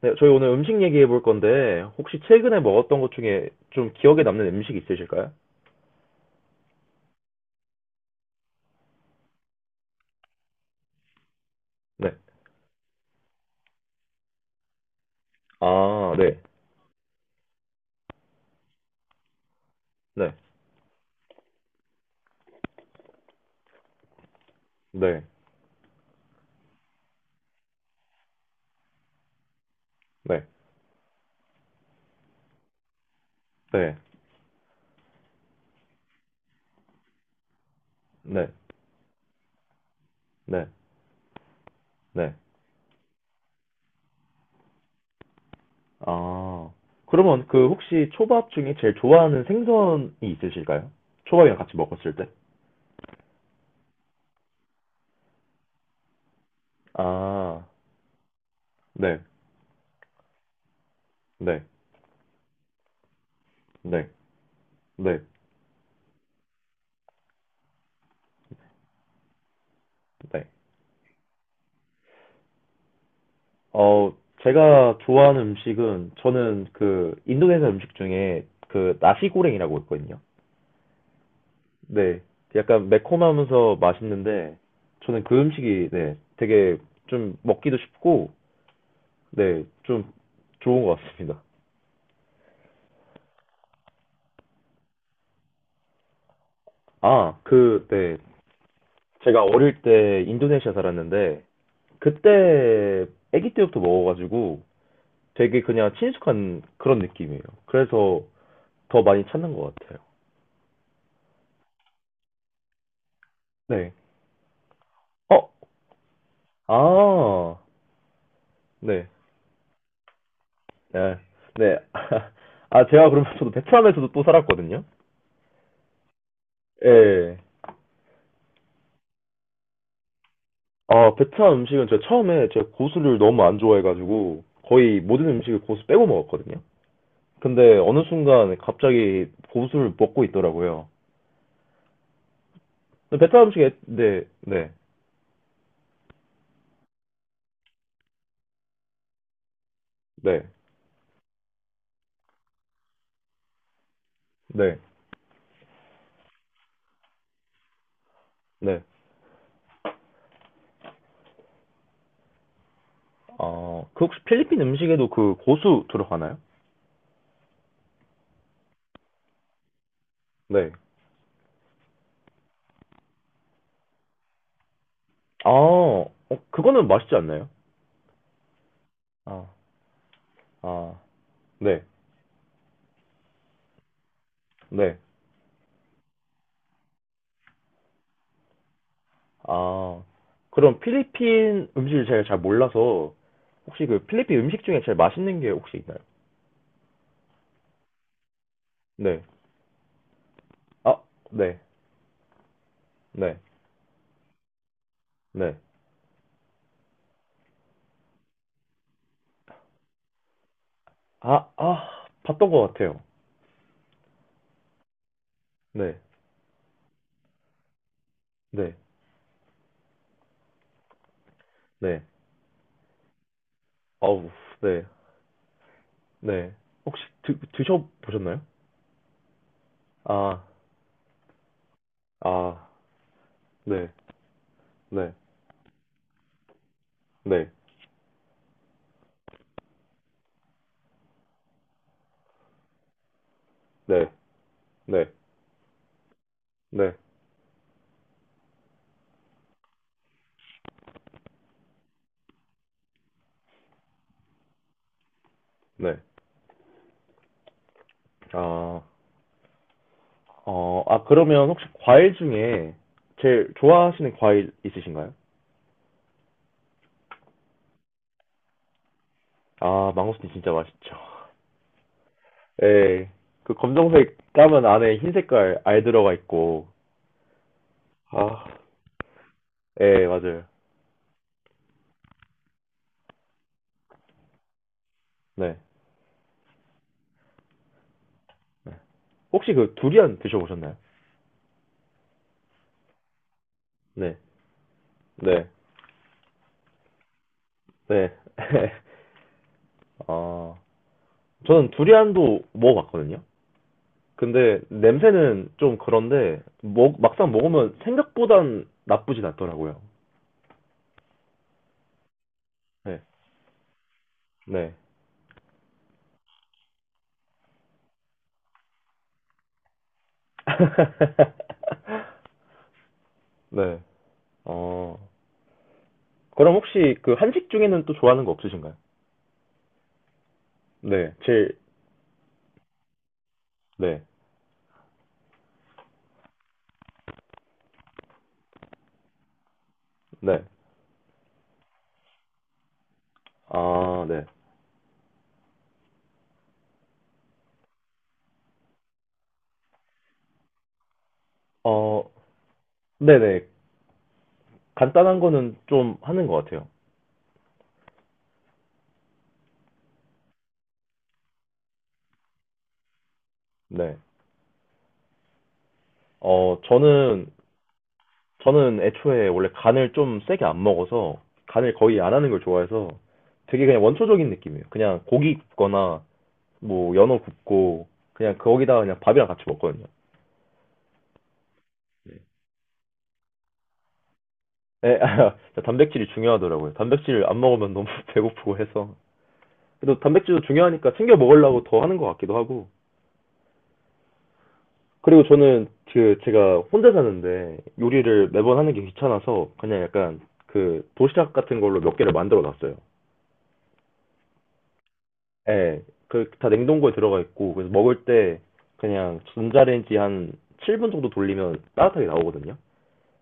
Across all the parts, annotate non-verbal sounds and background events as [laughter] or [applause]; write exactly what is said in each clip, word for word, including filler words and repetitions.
네, 저희 오늘 음식 얘기해 볼 건데, 혹시 최근에 먹었던 것 중에 좀 기억에 남는 음식 있으실까요? 네. 아, 네. 네. 네. 네. 네. 네. 네. 네. 아. 그러면 그 혹시 초밥 중에 제일 좋아하는 생선이 있으실까요? 초밥이랑 같이 먹었을 때? 아, 네. 네. 네. 네. 네. 어, 제가 좋아하는 음식은 저는 그 인도네시아 음식 중에 그 나시고랭이라고 있거든요. 네. 약간 매콤하면서 맛있는데, 저는 그 음식이, 네, 되게 좀 먹기도 쉽고, 네, 좀 좋은 것 같습니다. 아, 그, 네. 제가 어릴 때 인도네시아 살았는데, 그때 아기 때부터 먹어가지고 되게 그냥 친숙한 그런 느낌이에요. 그래서 더 많이 찾는 것 같아요. 네. 어, 아, 네. 네. 네. [laughs] 아, 제가 그러면 저도 베트남에서도 또 살았거든요. 예. 아, 베트남 음식은 제가 처음에 제가 고수를 너무 안 좋아해가지고 거의 모든 음식을 고수 빼고 먹었거든요. 근데 어느 순간 갑자기 고수를 먹고 있더라고요. 근데 베트남 음식에, 네, 네, 네, 네, 네. 아, 그 혹시 필리핀 음식에도 그 고수 들어가나요? 네. 아, 어, 그거는 맛있지 않나요? 아, 아, 네, 네. 아, 그럼 필리핀 음식을 제가 잘 몰라서 혹시 그 필리핀 음식 중에 제일 맛있는 게 혹시 있나요? 네. 아, 네, 네, 네. 아, 아, 봤던 것 같아요. 네, 네, 네. 아우, 네, 네. 혹시 드, 드셔보셨나요? 아, 아, 네, 네, 네, 네, 네, 네, 네. 아, 어, 아, 그러면 혹시 과일 중에 제일 좋아하시는 과일 있으신가요? 아, 망고스틴 진짜 맛있죠. 예, 그 검정색 까면 안에 흰 색깔 알 들어가 있고. 아, 예, 맞아요. 네, 네. 혹시 그 두리안 드셔보셨나요? 네, 네, 네. [laughs] 아, 저는 두리안도 먹어봤거든요. 근데 냄새는 좀 그런데 먹, 막상 먹으면 생각보단 나쁘진 않더라고요. 네. 네. [laughs] 네. 어. 그럼 혹시 그 한식 중에는 또 좋아하는 거 없으신가요? 네. 제일 네. 네. 아, 네. 어, 네네. 간단한 거는 좀 하는 것 같아요. 네. 어, 저는 저는 애초에 원래 간을 좀 세게 안 먹어서 간을 거의 안 하는 걸 좋아해서 되게 그냥 원초적인 느낌이에요. 그냥 고기 굽거나 뭐 연어 굽고 그냥 거기다가 그냥 밥이랑 같이 먹거든요. 에 [laughs] 단백질이 중요하더라고요. 단백질 안 먹으면 너무 [laughs] 배고프고 해서. 그래도 단백질도 중요하니까 챙겨 먹으려고 더 하는 것 같기도 하고. 그리고 저는 그 제가 혼자 사는데 요리를 매번 하는 게 귀찮아서 그냥 약간 그 도시락 같은 걸로 몇 개를 만들어 놨어요. 예, 그 다 냉동고에 들어가 있고 그래서 먹을 때 그냥 전자레인지 한 칠 분 정도 돌리면 따뜻하게 나오거든요.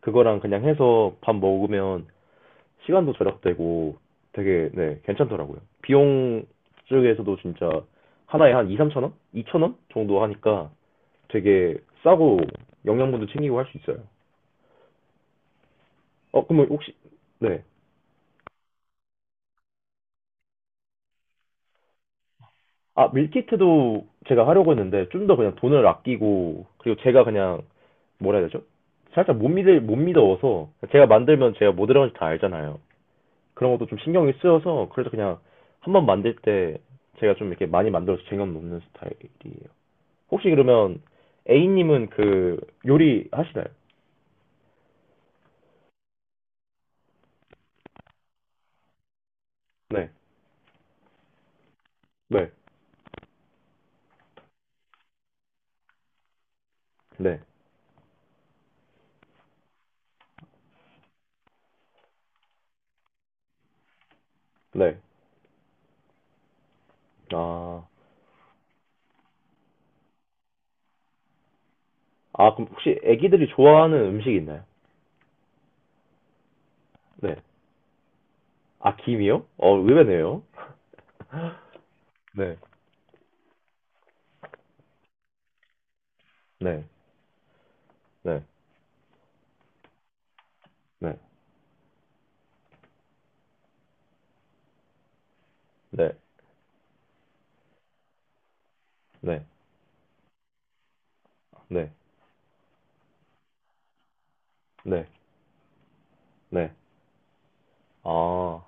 그거랑 그냥 해서 밥 먹으면 시간도 절약되고 되게 네, 괜찮더라고요. 비용 쪽에서도 진짜 하나에 한 이, 삼천 원? 이천 원 정도 하니까 되게 싸고 영양분도 챙기고 할 수 있어요. 어, 그럼 혹시 네. 아, 밀키트도 제가 하려고 했는데 좀 더 그냥 돈을 아끼고 그리고 제가 그냥 뭐라 해야 되죠? 살짝 못 믿을 못 믿어서 제가 만들면 제가 뭐 들어가는지 다 알잖아요. 그런 것도 좀 신경이 쓰여서 그래서 그냥 한번 만들 때 제가 좀 이렇게 많이 만들어서 쟁여 놓는 스타일이에요. 혹시 그러면 A님은 그 요리 하시나요? 네, 네, 네, 네. 아, 아 그럼 혹시 애기들이 좋아하는 음식 있나요? 네. 아, 김이요? 어, 의외네요. 네, 네, 네. 네. 네. 네. 네. 네. 네. 아.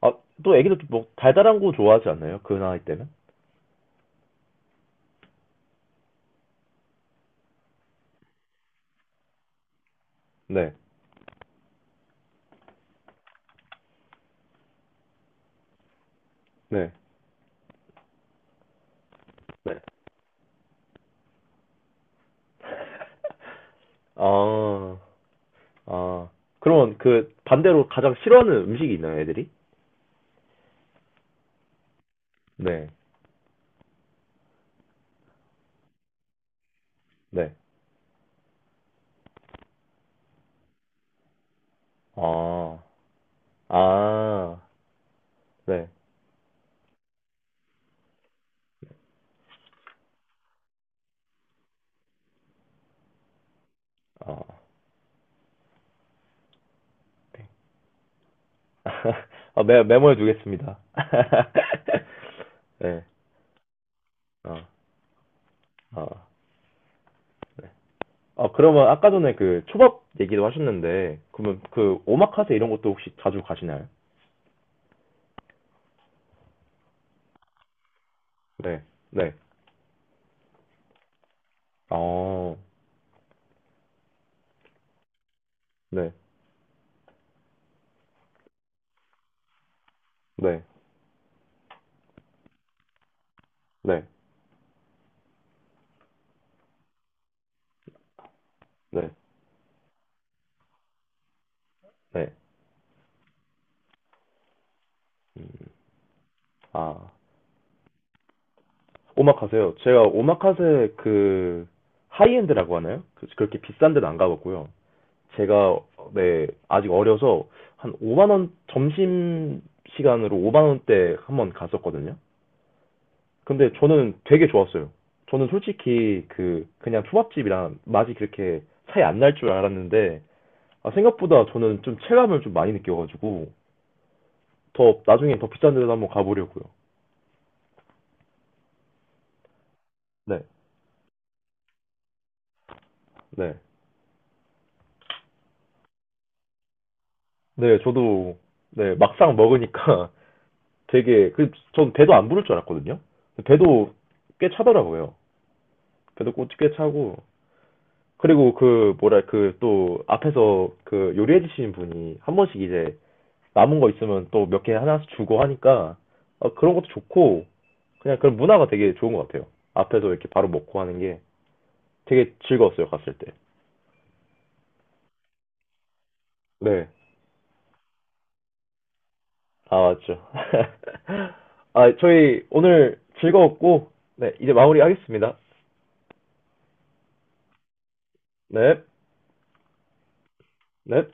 아, 또 애기들 뭐 달달한 거 좋아하지 않나요? 그 나이 때는? 네. 네. 네. 아. 아. 그러면 그 반대로 가장 싫어하는 음식이 있나요, 애들이? 네. 네. 아. 아. 네. 아. [laughs] 아, 메, 메모해 두겠습니다. [laughs] 네. 어. 아. 아, 그러면 아까 전에 그 초밥 얘기도 하셨는데, 그러면 그 오마카세 이런 것도 혹시 자주 가시나요? 네, 네, 어, 네, 네, 네, 네, 네. 아, 오마카세요. 제가 오마카세 그 하이엔드라고 하나요? 그, 그렇게 비싼 데는 안 가봤고요. 제가 네 아직 어려서 한 오만 원 점심 시간으로 오만 원대 한번 갔었거든요. 근데 저는 되게 좋았어요. 저는 솔직히 그 그냥 초밥집이랑 맛이 그렇게 차이 안날 줄 알았는데 아, 생각보다 저는 좀 체감을 좀 많이 느껴가지고 더 나중에 더 비싼 데도 한번 가보려고요. 네. 네. 네, 저도 네, 막상 먹으니까 [laughs] 되게 그 전 배도 안 부를 줄 알았거든요. 배도 꽤 차더라고요. 배도 꽤 꽤 차고 그리고 그 뭐랄 그 또 앞에서 그 요리해 주시는 분이 한 번씩 이제 남은 거 있으면 또 몇 개 하나씩 주고 하니까 어, 그런 것도 좋고 그냥 그런 문화가 되게 좋은 것 같아요. 앞에서 이렇게 바로 먹고 하는 게 되게 즐거웠어요, 갔을 때. 네. 아, 맞죠. [laughs] 아, 저희 오늘 즐거웠고, 네, 이제 마무리하겠습니다. 네, 네.